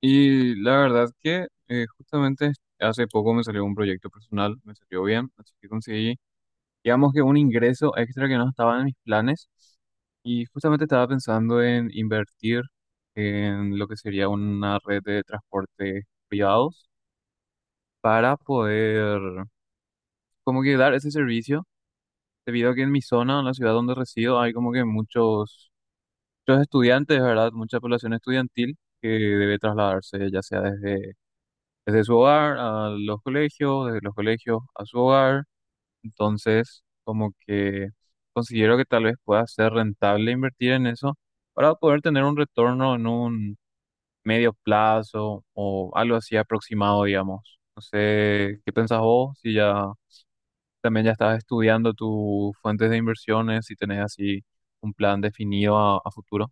Y la verdad que justamente hace poco me salió un proyecto personal, me salió bien, así que conseguí, digamos que un ingreso extra que no estaba en mis planes. Y justamente estaba pensando en invertir en lo que sería una red de transporte privados para poder como que dar ese servicio, debido a que en mi zona, en la ciudad donde resido, hay como que muchos estudiantes, ¿verdad? Mucha población estudiantil que debe trasladarse ya sea desde su hogar a los colegios, desde los colegios a su hogar. Entonces, como que considero que tal vez pueda ser rentable invertir en eso para poder tener un retorno en un medio plazo o algo así aproximado, digamos. No sé, ¿qué pensás vos? Si ya también ya estás estudiando tus fuentes de inversiones, si tenés así un plan definido a futuro.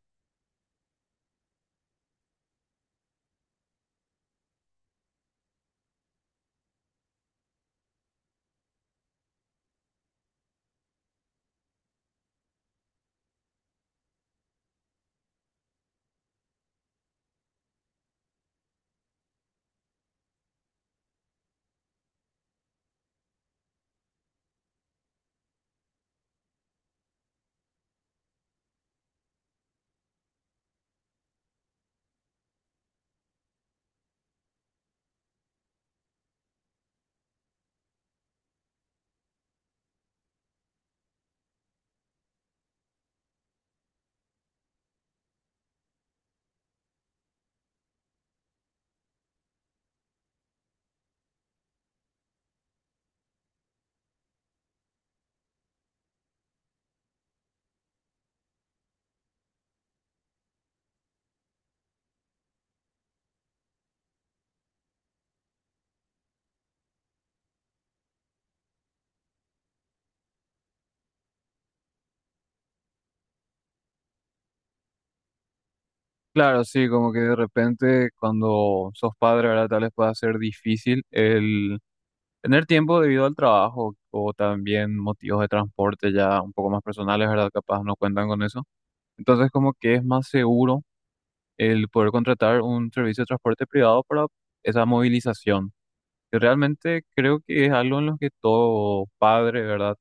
Claro, sí, como que de repente cuando sos padre, ahora tal vez pueda ser difícil el tener tiempo debido al trabajo o también motivos de transporte ya un poco más personales, ¿verdad? Capaz no cuentan con eso. Entonces, como que es más seguro el poder contratar un servicio de transporte privado para esa movilización. Y realmente creo que es algo en lo que todo padre, ¿verdad?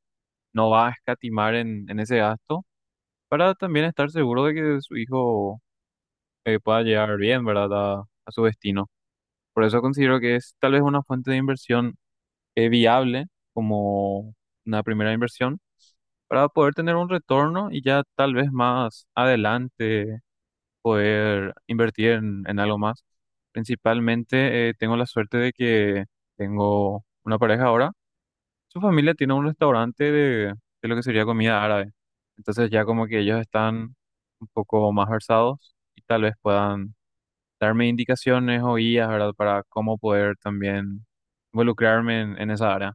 No va a escatimar en ese gasto para también estar seguro de que su hijo pueda llegar bien, ¿verdad? A su destino. Por eso considero que es tal vez una fuente de inversión viable como una primera inversión para poder tener un retorno y ya tal vez más adelante poder invertir en algo más. Principalmente tengo la suerte de que tengo una pareja ahora. Su familia tiene un restaurante de lo que sería comida árabe. Entonces ya como que ellos están un poco más versados y tal vez puedan darme indicaciones o guías, ¿verdad? Para cómo poder también involucrarme en esa área.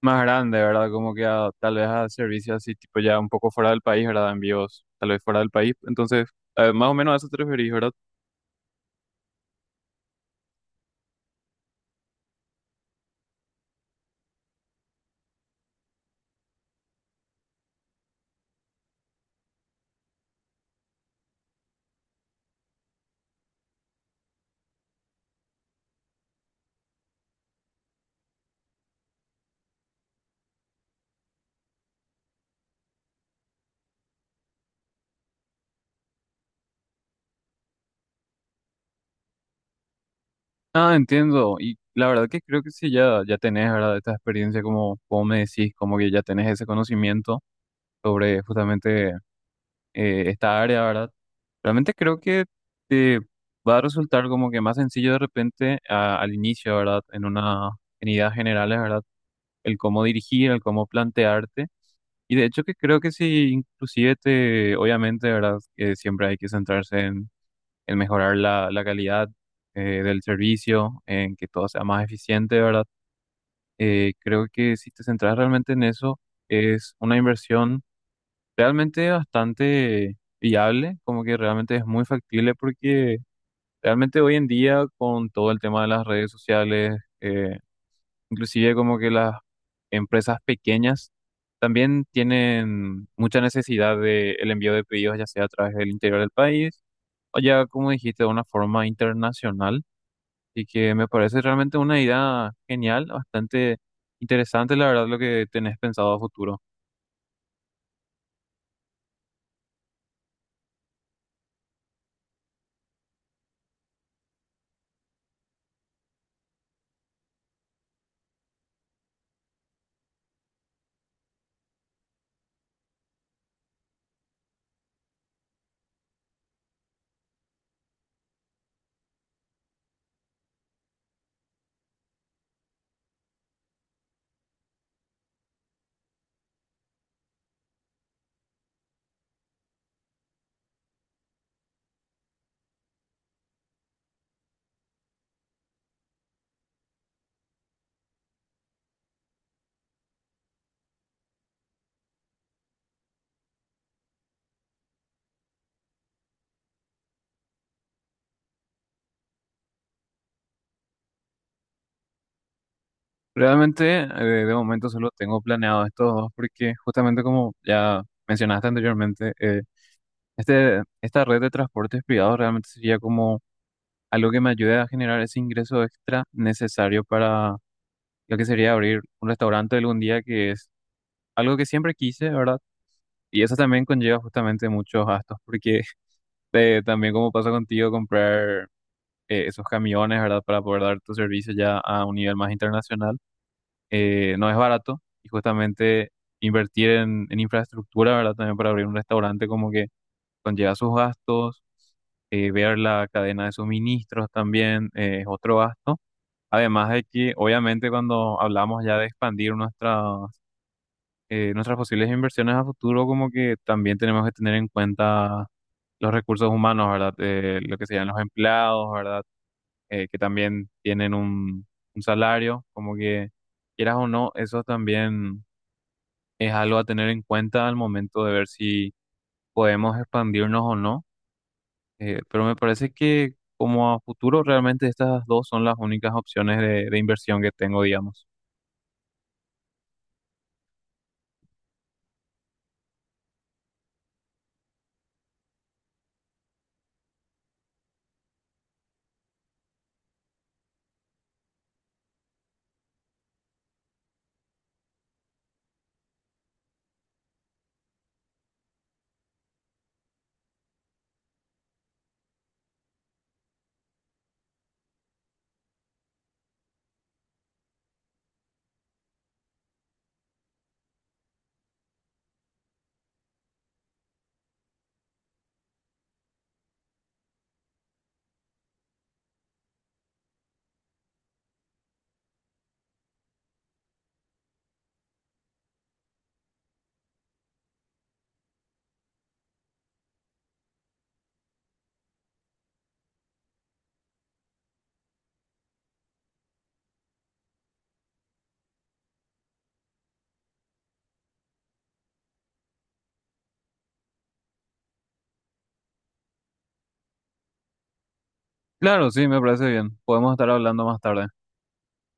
Más grande, ¿verdad? Como que tal vez a servicios así, tipo ya un poco fuera del país, ¿verdad? Envíos tal vez fuera del país. Entonces, más o menos a eso te referís, ¿verdad? Ah, entiendo. Y la verdad que creo que sí, ya, ya tenés, ¿verdad? Esta experiencia, como, como me decís, como que ya tenés ese conocimiento sobre justamente esta área, ¿verdad? Realmente creo que te va a resultar como que más sencillo de repente al inicio, ¿verdad? En una, en ideas generales, ¿verdad? El cómo dirigir, el cómo plantearte. Y de hecho que creo que sí, inclusive te, obviamente, ¿verdad? Que siempre hay que centrarse en mejorar la calidad del servicio, en que todo sea más eficiente, ¿verdad? Creo que si te centras realmente en eso, es una inversión realmente bastante viable, como que realmente es muy factible porque realmente hoy en día con todo el tema de las redes sociales, inclusive como que las empresas pequeñas también tienen mucha necesidad de el envío de pedidos, ya sea a través del interior del país o ya, como dijiste, de una forma internacional. Y que me parece realmente una idea genial, bastante interesante, la verdad, lo que tenés pensado a futuro. Realmente, de momento solo tengo planeado estos dos porque justamente como ya mencionaste anteriormente, este, esta red de transportes privados realmente sería como algo que me ayude a generar ese ingreso extra necesario para lo que sería abrir un restaurante algún día, que es algo que siempre quise, ¿verdad? Y eso también conlleva justamente muchos gastos, porque también como pasa contigo, comprar esos camiones, ¿verdad? Para poder dar tu servicio ya a un nivel más internacional, no es barato y justamente invertir en infraestructura, ¿verdad? También para abrir un restaurante como que conlleva sus gastos ver la cadena de suministros también es otro gasto. Además de que, obviamente, cuando hablamos ya de expandir nuestras, nuestras posibles inversiones a futuro, como que también tenemos que tener en cuenta los recursos humanos, ¿verdad? Lo que serían los empleados, ¿verdad? Que también tienen un salario, como que quieras o no, eso también es algo a tener en cuenta al momento de ver si podemos expandirnos o no. Pero me parece que como a futuro realmente estas dos son las únicas opciones de inversión que tengo, digamos. Claro, sí, me parece bien. Podemos estar hablando más tarde.